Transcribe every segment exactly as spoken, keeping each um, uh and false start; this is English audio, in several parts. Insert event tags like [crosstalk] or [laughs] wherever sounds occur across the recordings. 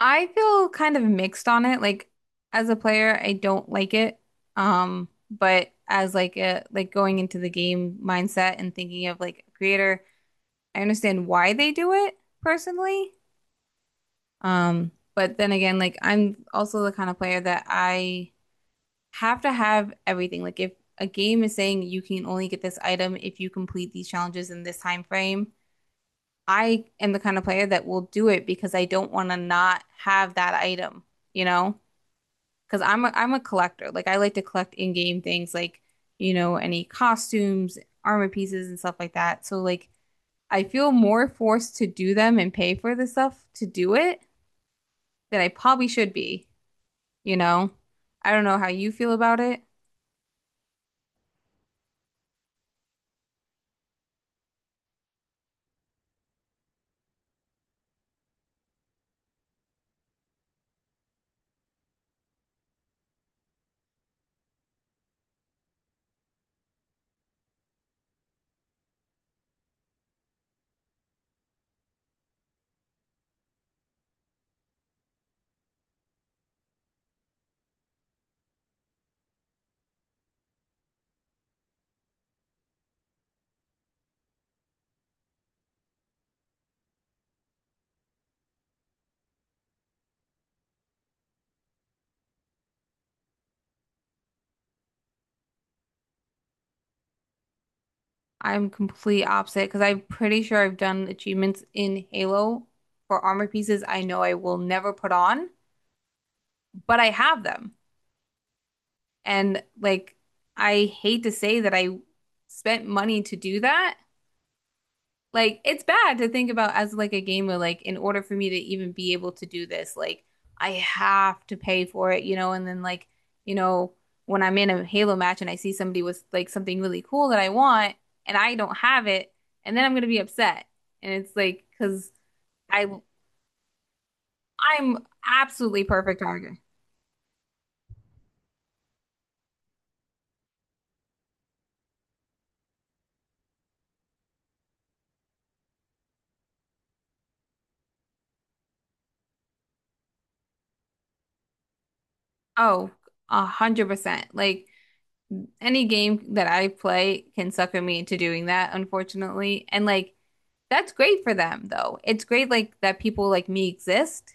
I feel kind of mixed on it. Like as a player, I don't like it. Um, but as like a like going into the game mindset and thinking of like a creator, I understand why they do it personally. Um, but then again, like I'm also the kind of player that I have to have everything. Like if a game is saying you can only get this item if you complete these challenges in this time frame, I am the kind of player that will do it because I don't want to not have that item, you know? Because I'm a, I'm a collector. Like I like to collect in-game things like, you know, any costumes, armor pieces and stuff like that. So like I feel more forced to do them and pay for the stuff to do it than I probably should be, you know? I don't know how you feel about it. I'm complete opposite because I'm pretty sure I've done achievements in Halo for armor pieces I know I will never put on, but I have them. And like I hate to say that I spent money to do that. Like it's bad to think about as like a gamer, like in order for me to even be able to do this, like I have to pay for it, you know, and then like, you know, when I'm in a Halo match and I see somebody with like something really cool that I want and I don't have it, and then I'm gonna be upset. And it's like, because I I'm absolutely perfect target. Oh, a hundred percent. Like any game that I play can sucker me into doing that, unfortunately. And like that's great for them, though. It's great like that people like me exist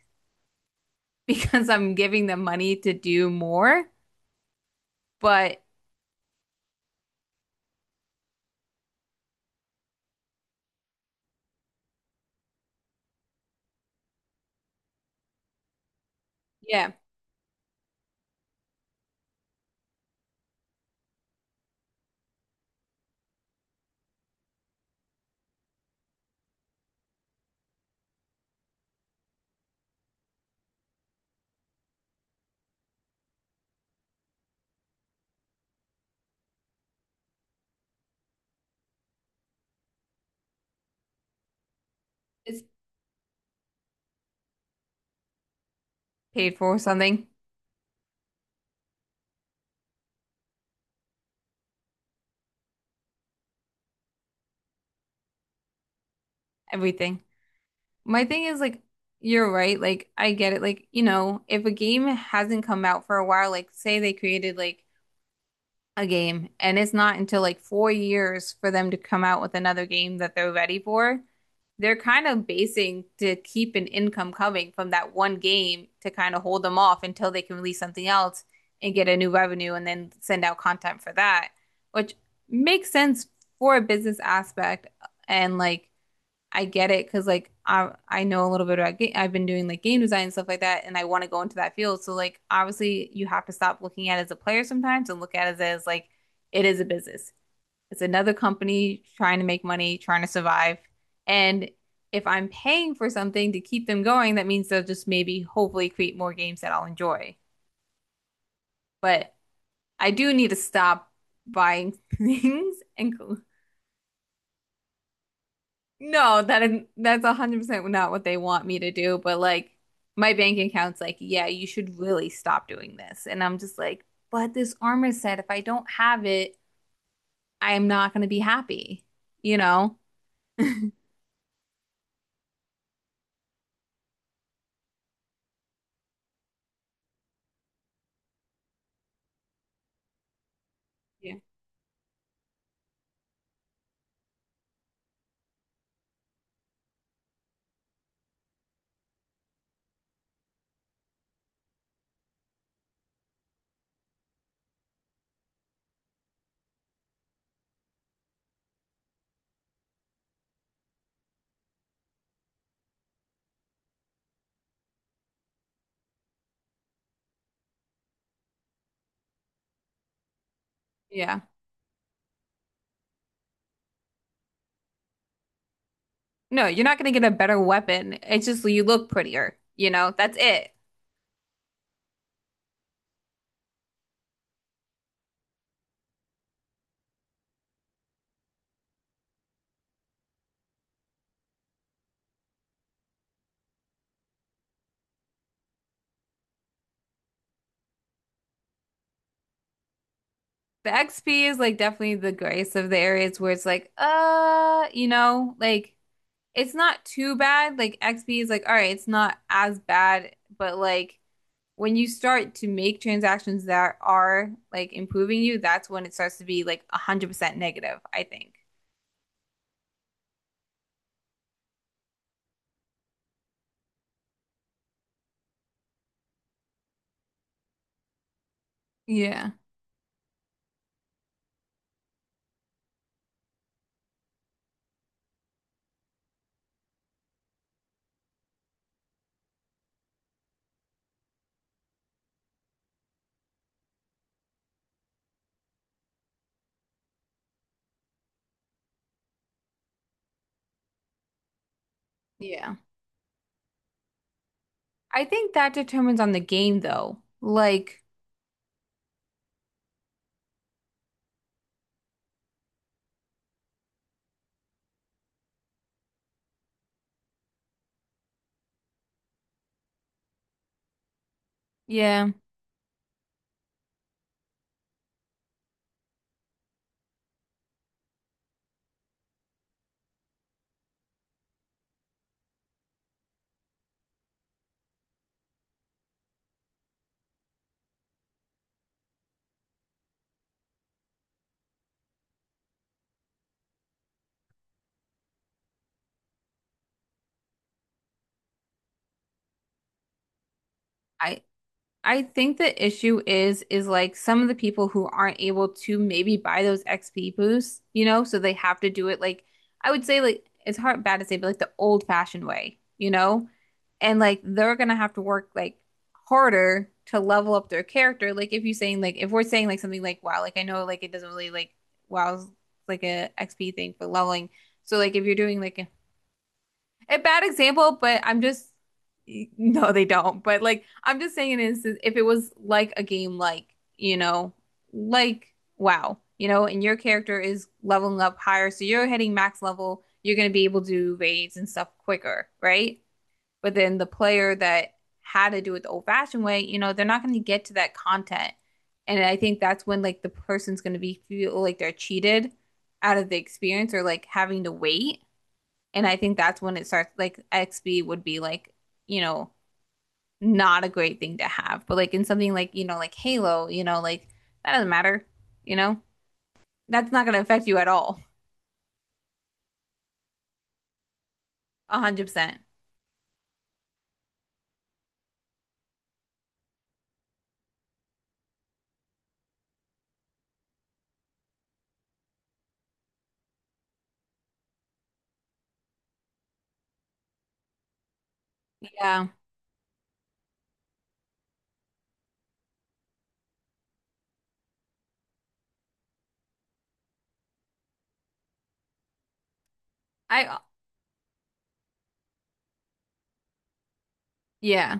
[laughs] because I'm giving them money to do more. But yeah, it's paid for something, everything. My thing is like you're right, like I get it. Like, you know, if a game hasn't come out for a while, like say they created like a game and it's not until like four years for them to come out with another game that they're ready for, they're kind of basing to keep an income coming from that one game to kind of hold them off until they can release something else and get a new revenue and then send out content for that, which makes sense for a business aspect. And like, I get it because like I I know a little bit about game. I've been doing like game design and stuff like that, and I want to go into that field. So like, obviously, you have to stop looking at it as a player sometimes and look at it as like it is a business. It's another company trying to make money, trying to survive. And if I'm paying for something to keep them going, that means they'll just maybe hopefully create more games that I'll enjoy. But I do need to stop buying [laughs] things and no, that is, that's one hundred percent not what they want me to do, but like my bank account's like, "Yeah, you should really stop doing this." And I'm just like, "But this armor set, if I don't have it, I'm not going to be happy." You know? Yeah. Yeah. No, you're not gonna get a better weapon. It's just you look prettier, you know? That's it. The X P is like definitely the grace of the areas where it's like, uh, you know, like it's not too bad. Like X P is like, all right, it's not as bad, but like when you start to make transactions that are like improving you, that's when it starts to be like one hundred percent negative, I think. Yeah. Yeah. I think that determines on the game though. Like, yeah. I I think the issue is is like some of the people who aren't able to maybe buy those X P boosts, you know, so they have to do it like I would say like it's hard bad to say, but like the old fashioned way, you know? And like they're gonna have to work like harder to level up their character. Like if you're saying like if we're saying like something like wow, like I know like it doesn't really like WoW's like a X P thing for leveling. So like if you're doing like a bad example, but I'm just no, they don't. But like I'm just saying an instance if it was like a game like, you know, like WoW, you know, and your character is leveling up higher, so you're hitting max level, you're gonna be able to do raids and stuff quicker, right? But then the player that had to do it the old-fashioned way, you know, they're not gonna get to that content. And I think that's when like the person's gonna be feel like they're cheated out of the experience or like having to wait. And I think that's when it starts like Xb would be like, you know, not a great thing to have. But like in something like, you know, like Halo, you know, like that doesn't matter, you know? That's not going to affect you at all. one hundred percent. Yeah. I yeah.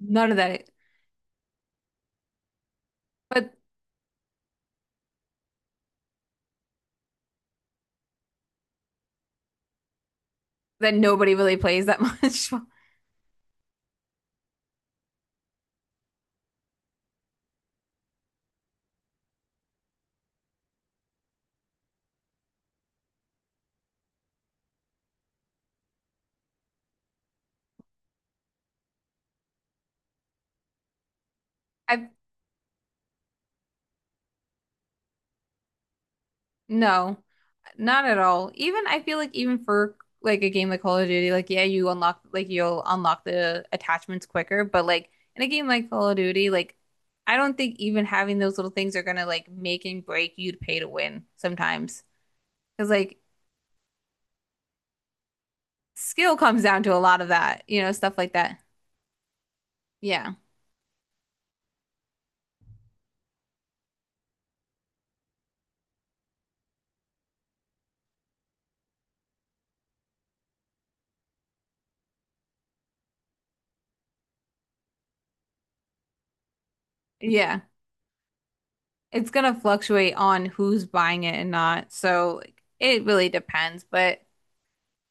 None of that but then nobody really plays that much. [laughs] I no. Not at all. Even I feel like even for like a game like Call of Duty, like yeah, you unlock like you'll unlock the attachments quicker, but like in a game like Call of Duty, like I don't think even having those little things are gonna like make and break you to pay to win sometimes. Because like skill comes down to a lot of that, you know, stuff like that. Yeah. Yeah. It's gonna fluctuate on who's buying it and not. So like, it really depends, but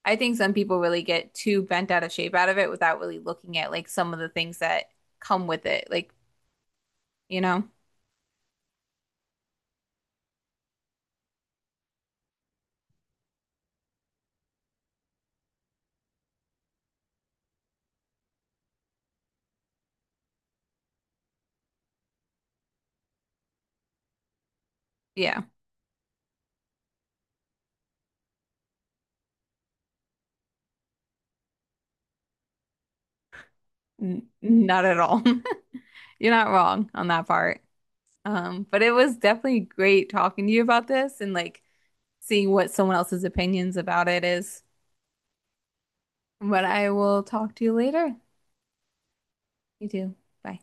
I think some people really get too bent out of shape out of it without really looking at like some of the things that come with it. Like, you know, yeah, n- not at all. [laughs] You're not wrong on that part. Um, but it was definitely great talking to you about this and like seeing what someone else's opinions about it is. But I will talk to you later. You too. Bye.